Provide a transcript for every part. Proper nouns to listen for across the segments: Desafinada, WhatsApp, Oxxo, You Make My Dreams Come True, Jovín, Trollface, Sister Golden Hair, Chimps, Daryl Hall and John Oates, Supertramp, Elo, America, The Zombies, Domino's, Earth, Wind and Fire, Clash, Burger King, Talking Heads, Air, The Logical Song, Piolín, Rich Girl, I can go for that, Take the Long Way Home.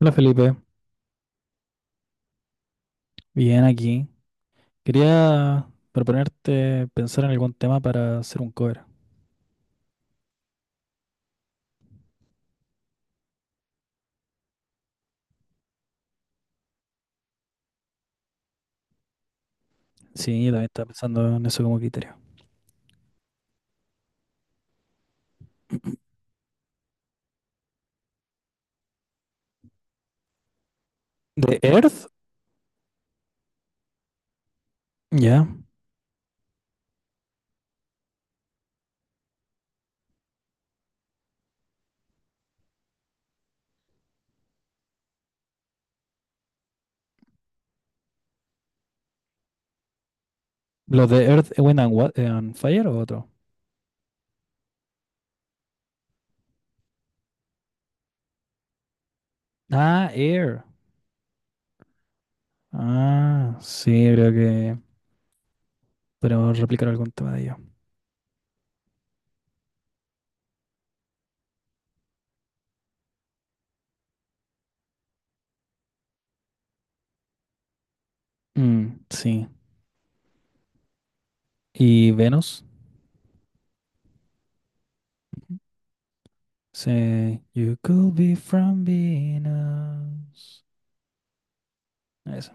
Hola Felipe, bien aquí. Quería proponerte pensar en algún tema para hacer un cover. Sí, yo también estaba pensando en eso como criterio. ¿The Earth? Ya. ¿Los de Earth, Wind and, and Fire o otro? Ah, Air. Ah, sí, creo que podemos replicar algún tema de ello. Mm, sí. ¿Y Venus? Sí. You could be from Venus. Eso,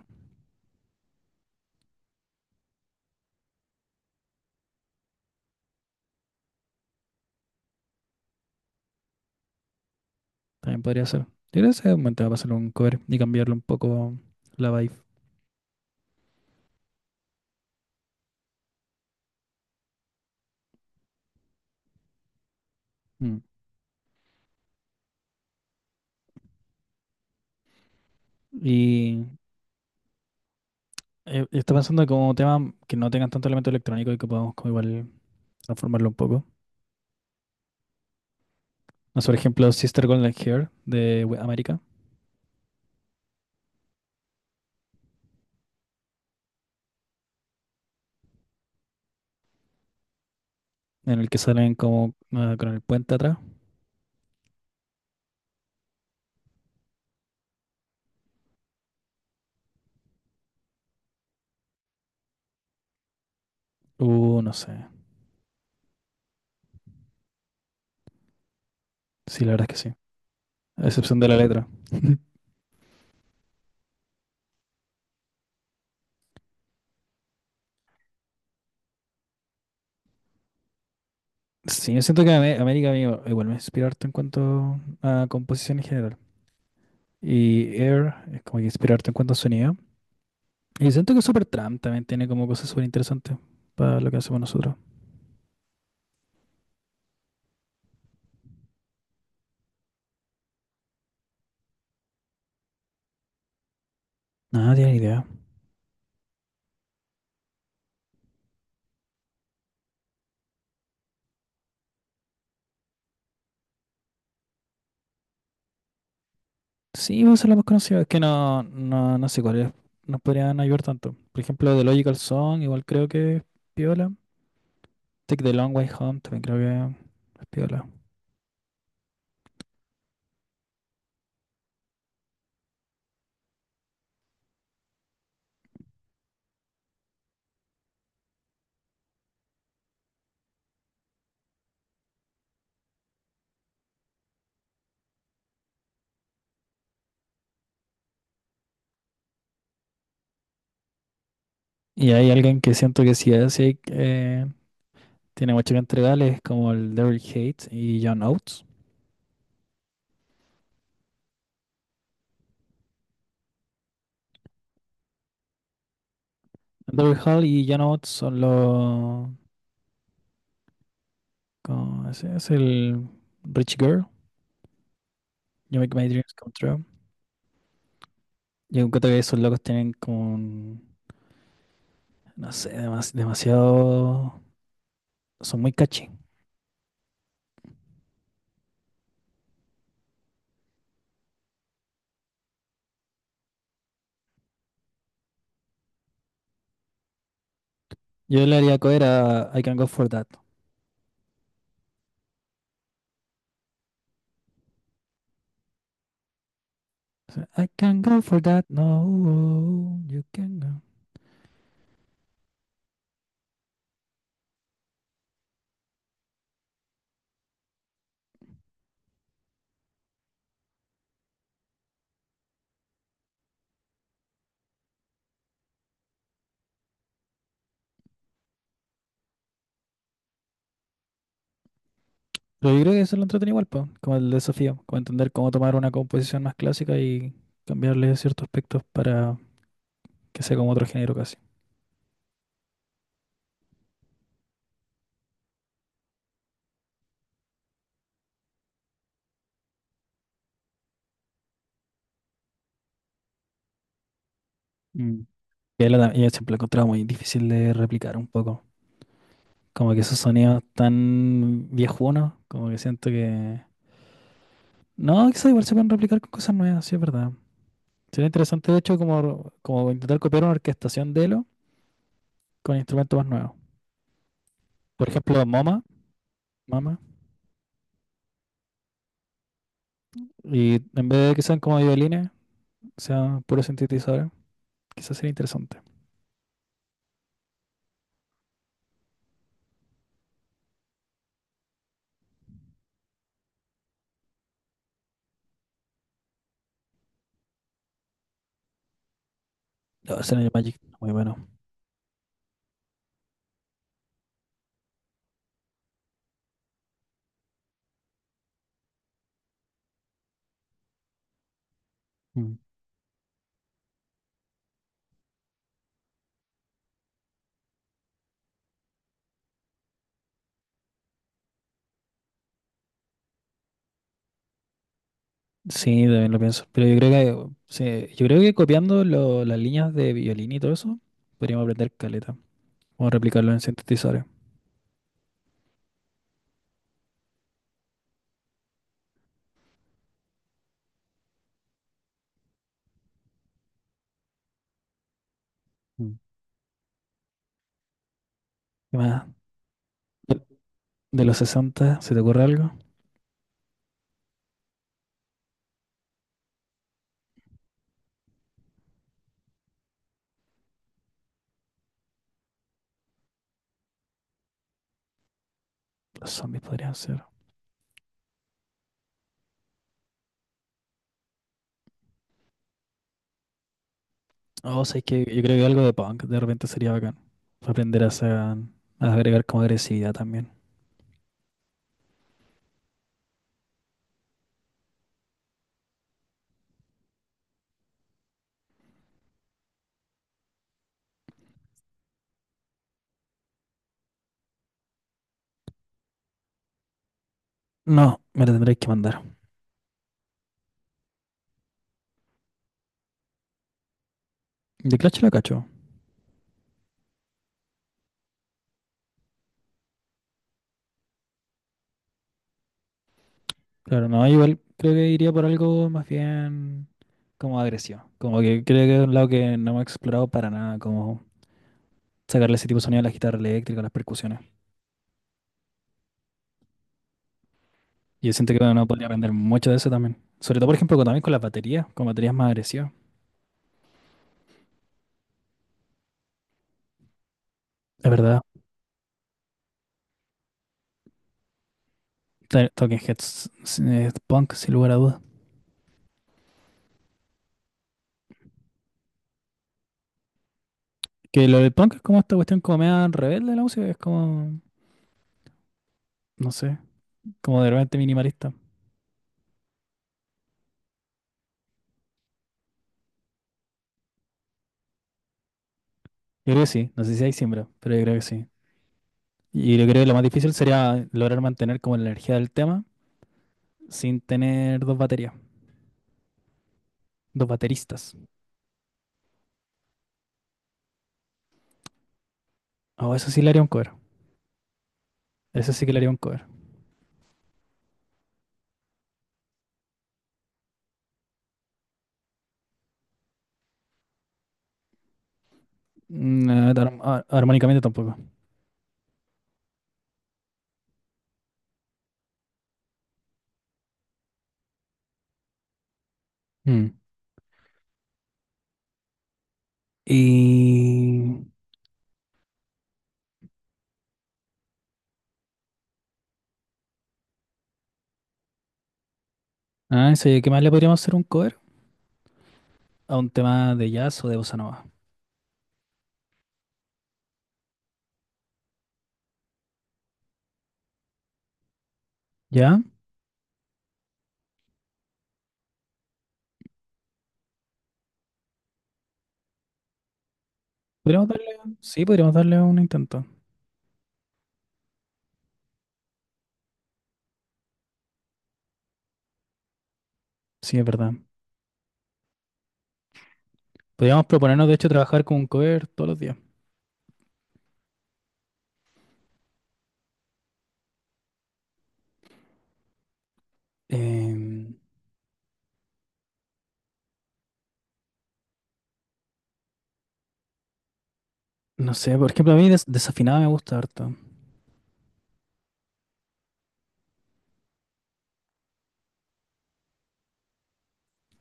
también podría ser. Yo creo que ese es un buen tema para hacer un cover y cambiarle un poco la vibe. Mm. Y estoy pensando como temas que no tengan tanto elemento electrónico y que podamos como igual transformarlo un poco. No sé, por ejemplo, Sister Golden Hair de América, en el que salen como ah, con el puente atrás. No sé. Sí, la verdad es que sí. A excepción de la letra. Sí, yo siento que América a mí igual me inspira harto en cuanto a composición en general. Y Air es como que inspira harto en cuanto a sonido. Y siento que Supertramp también tiene como cosas súper interesantes para lo que hacemos nosotros. Nada, no tiene idea. Sí, vos la más conocida, es que no sé cuáles nos podrían ayudar tanto. Por ejemplo, The Logical Song, igual creo que es piola. Take the Long Way Home, también creo que es piola. Y hay alguien que siento que sí es, sí, tiene mucho que entregarle, es como el Daryl Hall y John Oates. Daryl Hall y John Oates son los… Como ese es el Rich Girl, You Make My Dreams Come True. Yo encuentro que esos locos tienen como un… No sé, demasiado… Son muy catchy. Yo le haría cover a I can go for that. O sea, I can go for that, no, you can go. Pero yo creo que eso lo entretiene igual, po, como el desafío, como entender cómo tomar una composición más clásica y cambiarle ciertos aspectos para que sea como otro género casi. Mm. Y él, y siempre lo encontraba muy difícil de replicar un poco. Como que esos sonidos tan viejunos, como que siento que… No, quizás igual se pueden replicar con cosas nuevas, sí es verdad. Sería interesante, de hecho, como, como intentar copiar una orquestación de Elo con instrumentos más nuevos. Por ejemplo, MoMA, MAMA, y en vez de que sean como violines, sean puros sintetizadores, quizás sería interesante. No, ese Neo Magic, muy bueno. Mm. Sí, también lo pienso. Pero yo creo que, sí, yo creo que copiando las líneas de violín y todo eso, podríamos aprender caleta. Vamos a replicarlo en sintetizadores. Mm. ¿Qué más? De, de los 60, ¿se te ocurre algo? Los zombies podrían ser. Oh, sé que yo creo que algo de punk de repente sería bacán. Para aprender a, a agregar como agresividad también. No, me lo tendréis que mandar. De Clash la cacho. Claro, no, igual creo que iría por algo más bien como agresivo. Como que creo que es un lado que no hemos explorado para nada, como sacarle ese tipo de sonido a la guitarra eléctrica, a las percusiones. Y yo siento que uno podría aprender mucho de eso también. Sobre todo, por ejemplo, también con las baterías, con baterías más agresivas. Es verdad. Talking Heads es punk, sin lugar a dudas. Que lo del punk es como esta cuestión como media rebelde de la música, es como, no sé, como de repente minimalista. Yo creo que sí, no sé si hay siembra, pero yo creo que sí. Y yo creo que lo más difícil sería lograr mantener como la energía del tema sin tener dos baterías, dos bateristas. Oh, eso sí le haría un cover. Eso sí que le haría un cover. Mm, armónicamente tampoco. Mm. Y… Ah, eso, ¿qué más le podríamos hacer un cover? A un tema de jazz o de bossa nova. ¿Ya? Podríamos darle… Sí, podríamos darle un intento. Sí, es verdad. Podríamos proponernos, de hecho, trabajar con un cover todos los días. Em, no sé, por ejemplo, a mí desafinada me gusta harto.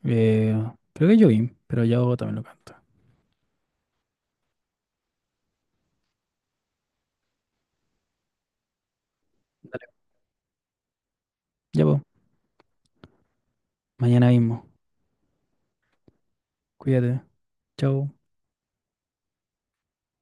Eh, creo que es Jovín, pero Yao también lo canta. Dale. Ya, pues, mañana mismo. Cuídate. Chao.